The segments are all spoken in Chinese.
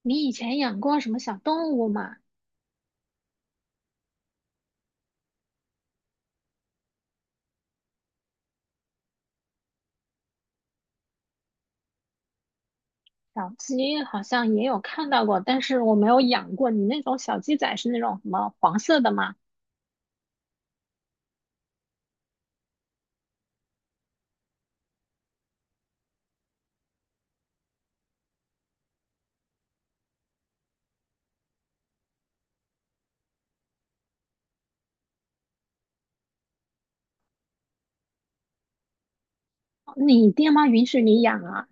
你以前养过什么小动物吗？小鸡好像也有看到过，但是我没有养过。你那种小鸡仔是那种什么黄色的吗？你爹妈允许你养啊？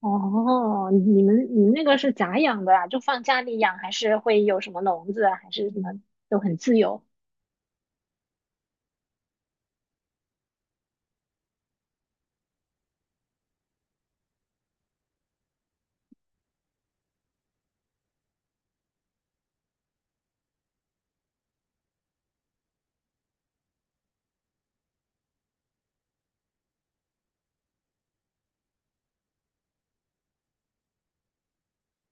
哦，你们那个是咋养的啊？就放家里养，还是会有什么笼子啊，还是什么都很自由？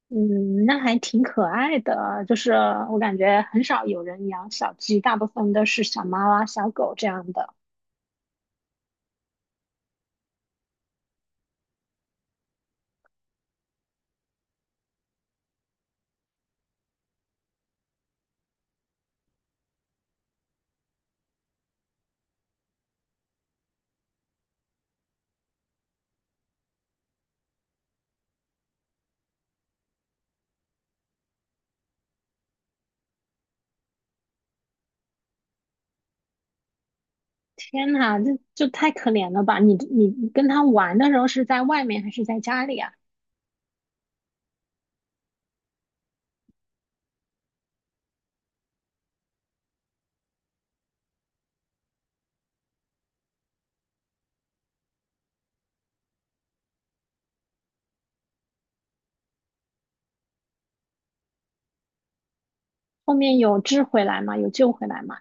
嗯，那还挺可爱的。就是我感觉很少有人养小鸡，大部分都是小猫啊、小狗这样的。天呐，这就太可怜了吧！你跟他玩的时候是在外面还是在家里啊？后面有治回来吗？有救回来吗？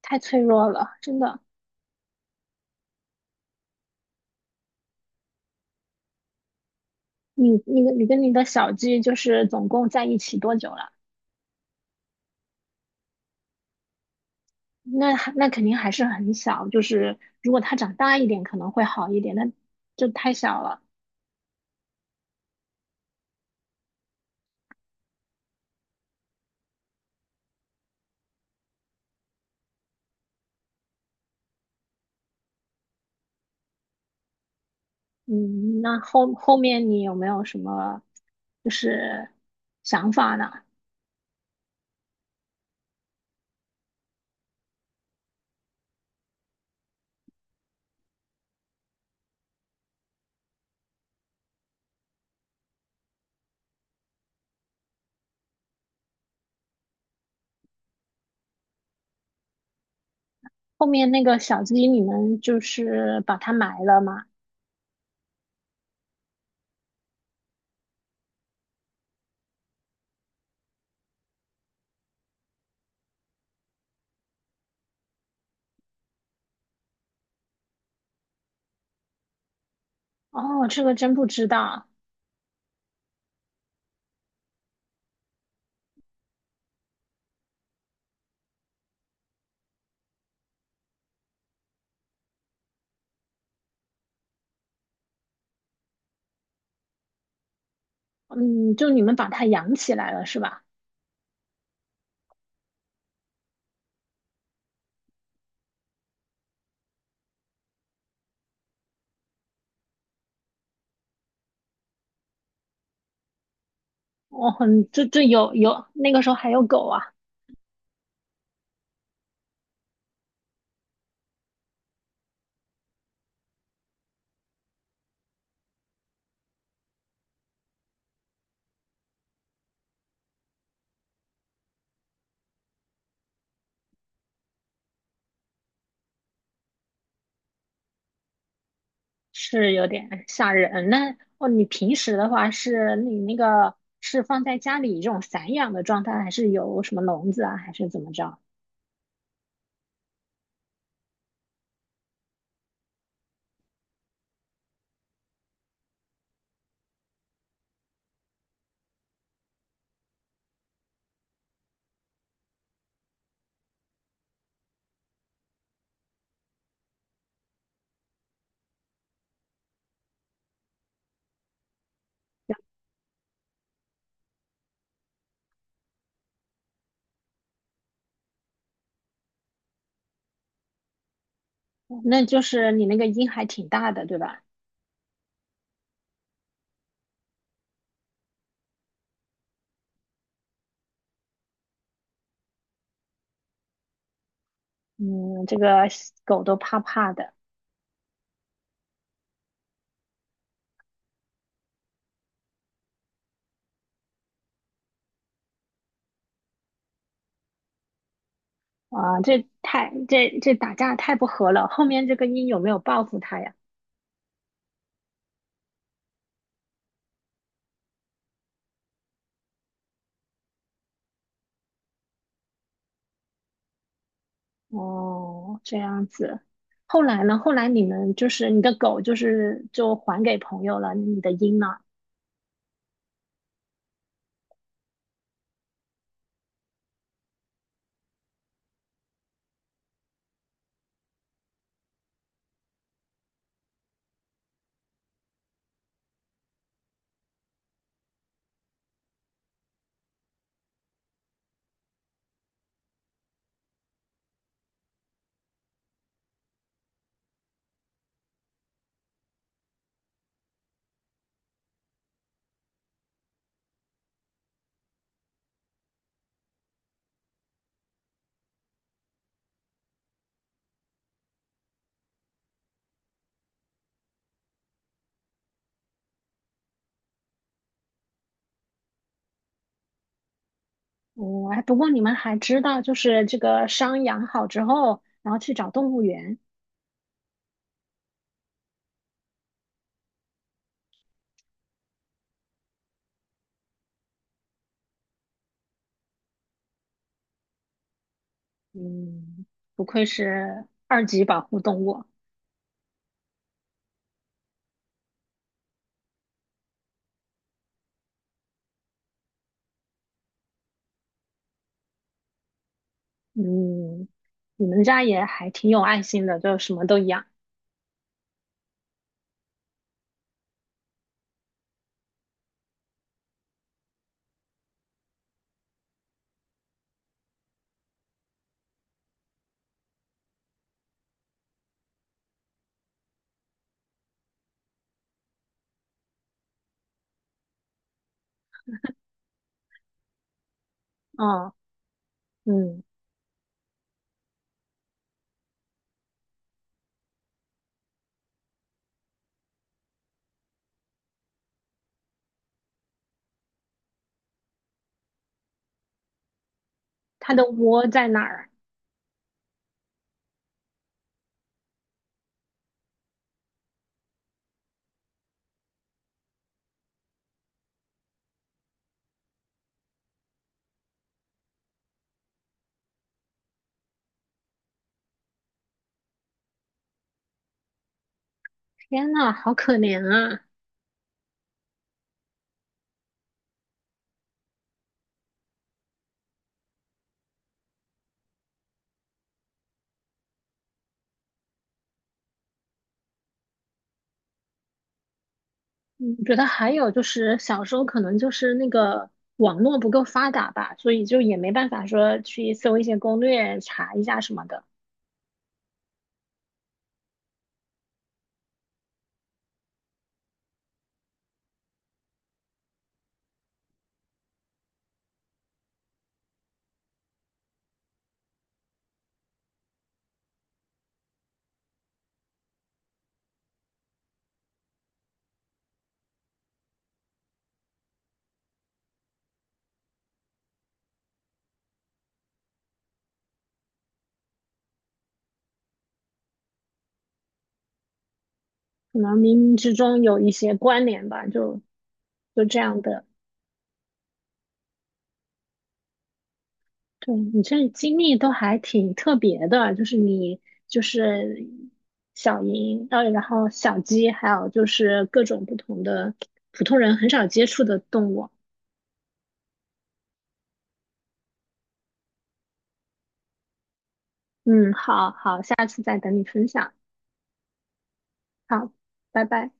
太脆弱了，真的。你跟你的小鸡就是总共在一起多久了？那肯定还是很小，就是如果它长大一点可能会好一点，那就太小了。嗯，那后面你有没有什么就是想法呢？后面那个小鸡你们就是把它埋了吗？哦，这个真不知道。嗯，就你们把它养起来了是吧？哦，很，这这有有，那个时候还有狗啊，是有点吓人。那哦，你平时的话是你那个是放在家里这种散养的状态，还是有什么笼子啊，还是怎么着？那就是你那个音还挺大的，对吧？嗯，这个狗都怕怕的啊，这太打架太不和了。后面这个音有没有报复它呀？哦，这样子。后来呢？后来你们就是你的狗，就是就还给朋友了，你的鹰呢？哦，哎，不过你们还知道，就是这个伤养好之后，然后去找动物园。嗯，不愧是二级保护动物。嗯，你们家也还挺有爱心的，就什么都养。哦，嗯，它的窝在哪儿？天呐，好可怜啊！嗯，我觉得还有就是小时候可能就是那个网络不够发达吧，所以就也没办法说去搜一些攻略查一下什么的，可能冥冥之中有一些关联吧，就就这样的。对，你这经历都还挺特别的，就是你就是小鹰，然后小鸡，还有就是各种不同的普通人很少接触的动物。嗯，好好，下次再等你分享。好，拜拜。